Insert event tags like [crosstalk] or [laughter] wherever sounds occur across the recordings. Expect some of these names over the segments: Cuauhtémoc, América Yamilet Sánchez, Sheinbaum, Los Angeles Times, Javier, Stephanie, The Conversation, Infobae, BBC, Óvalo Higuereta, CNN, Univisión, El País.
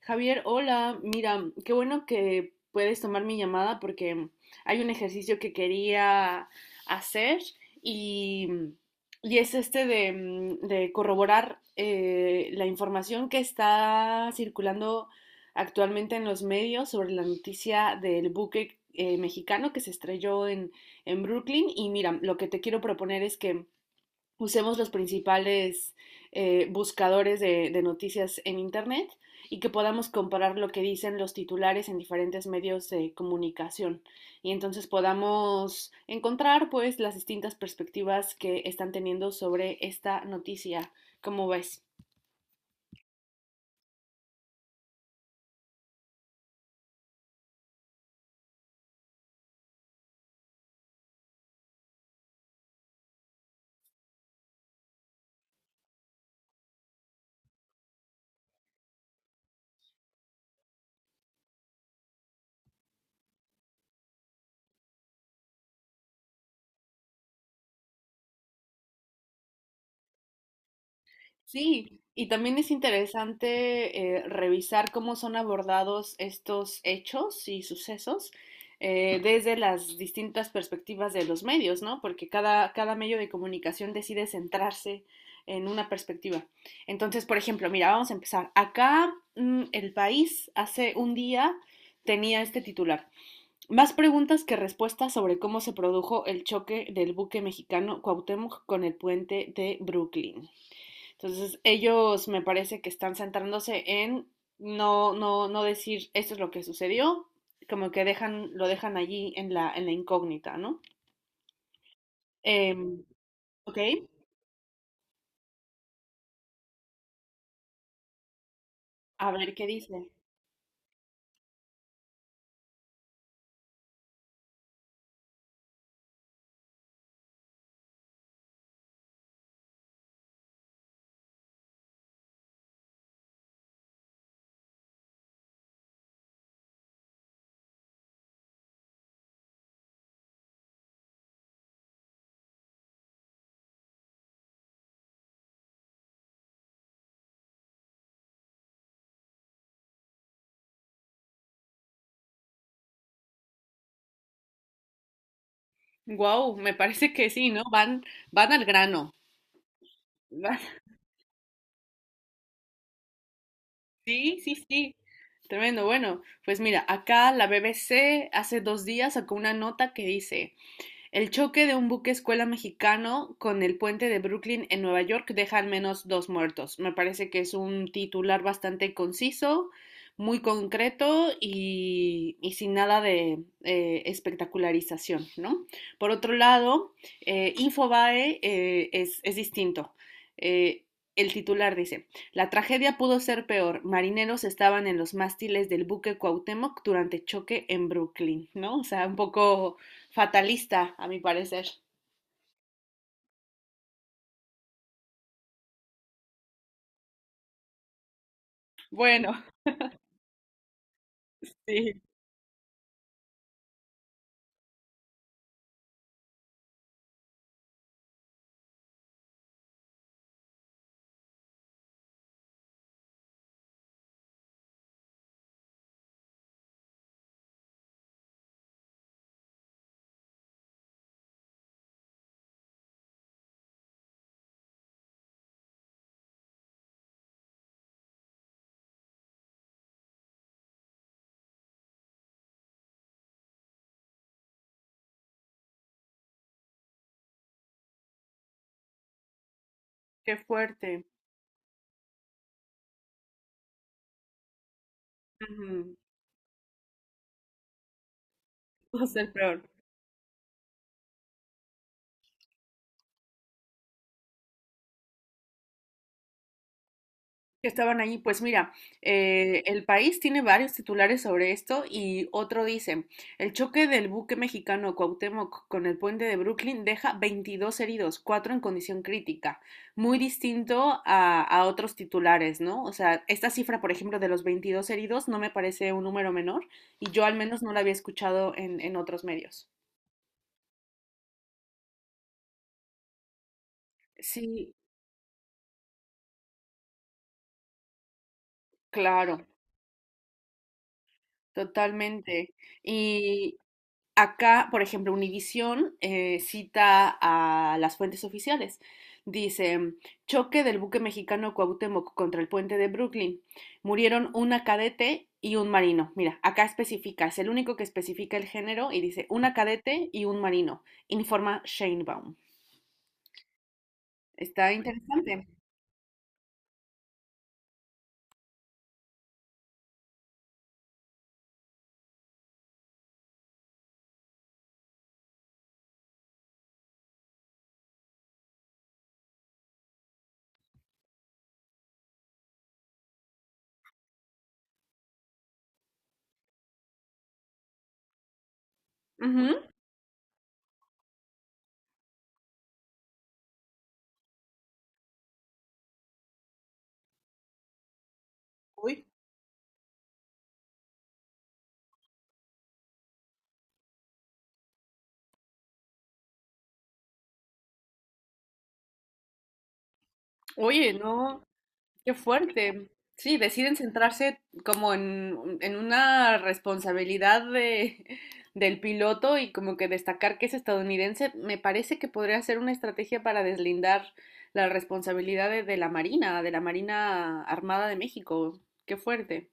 Javier, hola, mira, qué bueno que puedes tomar mi llamada porque hay un ejercicio que quería hacer y, y es este de de corroborar la información que está circulando actualmente en los medios sobre la noticia del buque mexicano que se estrelló en Brooklyn. Y mira, lo que te quiero proponer es que usemos los principales buscadores de noticias en Internet y que podamos comparar lo que dicen los titulares en diferentes medios de comunicación y entonces podamos encontrar pues las distintas perspectivas que están teniendo sobre esta noticia. ¿Cómo ves? Sí, y también es interesante revisar cómo son abordados estos hechos y sucesos desde las distintas perspectivas de los medios, ¿no? Porque cada medio de comunicación decide centrarse en una perspectiva. Entonces, por ejemplo, mira, vamos a empezar. Acá, El País hace un día tenía este titular. Más preguntas que respuestas sobre cómo se produjo el choque del buque mexicano Cuauhtémoc con el puente de Brooklyn. Entonces, ellos me parece que están centrándose en no decir esto es lo que sucedió, como que dejan, lo dejan allí en la incógnita, ¿no? Em, ok, a ver qué dice. Wow, me parece que sí, ¿no? Van al grano. Van- [laughs] sí. Tremendo. Bueno, pues mira, acá la BBC hace dos días sacó una nota que dice. El choque de un buque escuela mexicano con el puente de Brooklyn en Nueva York deja al menos dos muertos. Me parece que es un titular bastante conciso, muy concreto y, sin nada de espectacularización, ¿no? Por otro lado, Infobae distinto. Eh, El titular dice, la tragedia pudo ser peor. Marineros estaban en los mástiles del buque Cuauhtémoc durante choque en Brooklyn, ¿no? O sea, un poco fatalista, a mi parecer. Bueno, sí, qué fuerte. Ujú, va a ser peor. Que estaban allí. Pues mira, el país tiene varios titulares sobre esto y otro dice, el choque del buque mexicano Cuauhtémoc con el puente de Brooklyn deja 22 heridos, cuatro en condición crítica. Muy distinto a otros titulares, ¿no? O sea, esta cifra, por ejemplo, de los 22 heridos no me parece un número menor y yo al menos no la había escuchado en otros medios. Sí, claro. Totalmente. Y acá, por ejemplo, Univisión cita a las fuentes oficiales. Dice, choque del buque mexicano Cuauhtémoc contra el puente de Brooklyn. Murieron una cadete y un marino. Mira, acá especifica, es el único que especifica el género y dice una cadete y un marino, informa Sheinbaum. Está interesante. Ujú. Uy, oye, no. Qué fuerte. Sí, deciden centrarse como en una responsabilidad de, del piloto y como que destacar que es estadounidense. Me parece que podría ser una estrategia para deslindar la responsabilidad de la Marina Armada de México. Qué fuerte.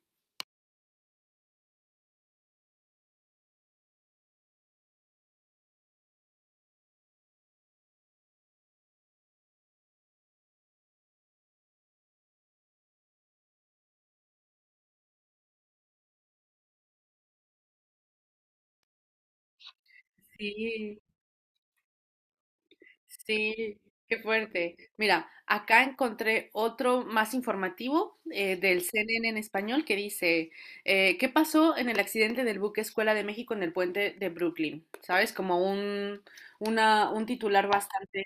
Sí. Sí, qué fuerte. Mira, acá encontré otro más informativo del CNN en español que dice, ¿qué pasó en el accidente del buque Escuela de México en el puente de Brooklyn? ¿Sabes? Como un titular bastante,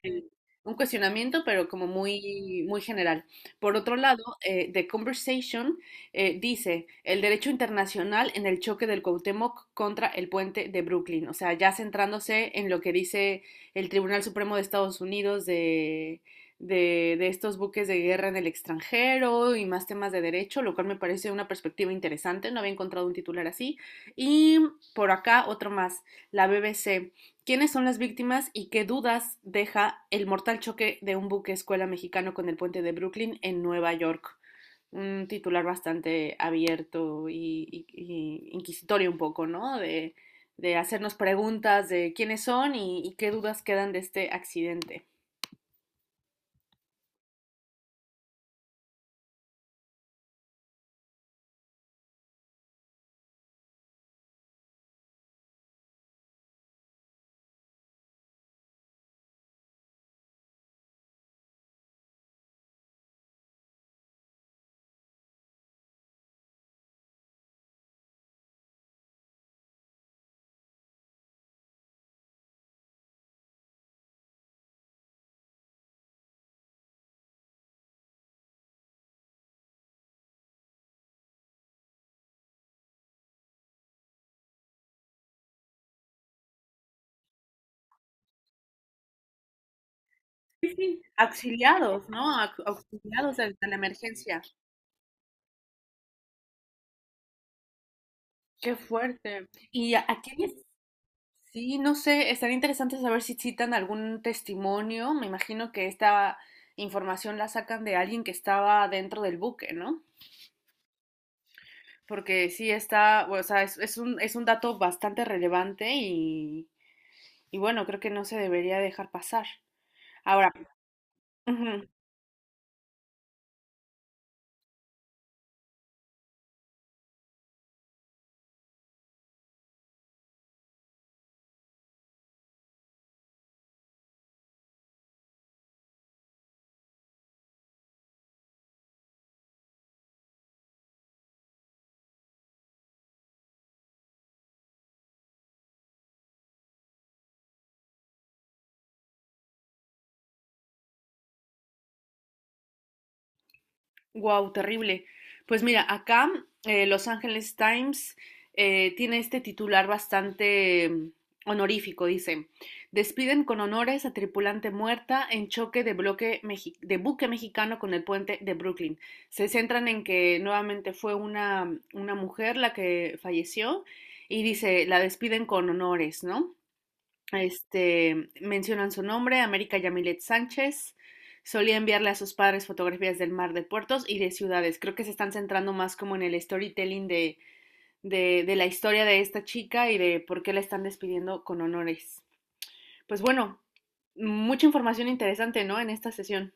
un cuestionamiento, pero como muy general. Por otro lado, The Conversation dice, el derecho internacional en el choque del Cuauhtémoc contra el puente de Brooklyn. O sea, ya centrándose en lo que dice el Tribunal Supremo de Estados Unidos de estos buques de guerra en el extranjero y más temas de derecho, lo cual me parece una perspectiva interesante. No había encontrado un titular así. Y por acá otro más, la BBC. ¿Quiénes son las víctimas y qué dudas deja el mortal choque de un buque escuela mexicano con el puente de Brooklyn en Nueva York? Un titular bastante abierto y, y inquisitorio un poco, ¿no? De hacernos preguntas de quiénes son y qué dudas quedan de este accidente. Sí, auxiliados, ¿no? Au- auxiliados de la emergencia. Qué fuerte. Y a sí, no sé, estaría interesante saber si citan algún testimonio. Me imagino que esta información la sacan de alguien que estaba dentro del buque, ¿no? Porque sí está, es un dato bastante relevante y bueno, creo que no se debería dejar pasar. Ahora, ujú, wow, terrible. Pues mira, acá Los Angeles Times tiene este titular bastante honorífico, dice, despiden con honores a tripulante muerta en choque de, bloque mexi- de buque mexicano con el puente de Brooklyn. Se centran en que nuevamente fue una mujer la que falleció y dice, la despiden con honores, ¿no? Este, mencionan su nombre, América Yamilet Sánchez. Solía enviarle a sus padres fotografías del mar de puertos y de ciudades. Creo que se están centrando más como en el storytelling de la historia de esta chica y de por qué la están despidiendo con honores. Pues bueno, mucha información interesante, ¿no? En esta sesión.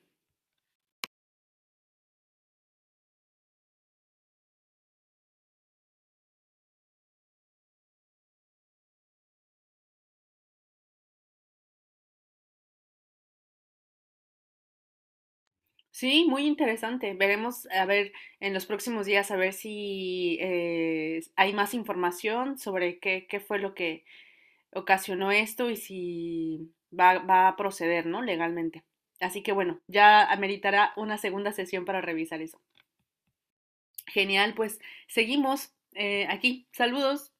Sí, muy interesante. Veremos, a ver, en los próximos días, a ver si hay más información sobre qué, qué fue lo que ocasionó esto y si va a proceder, ¿no? Legalmente. Así que bueno, ya ameritará una segunda sesión para revisar eso. Genial, pues seguimos aquí. Saludos.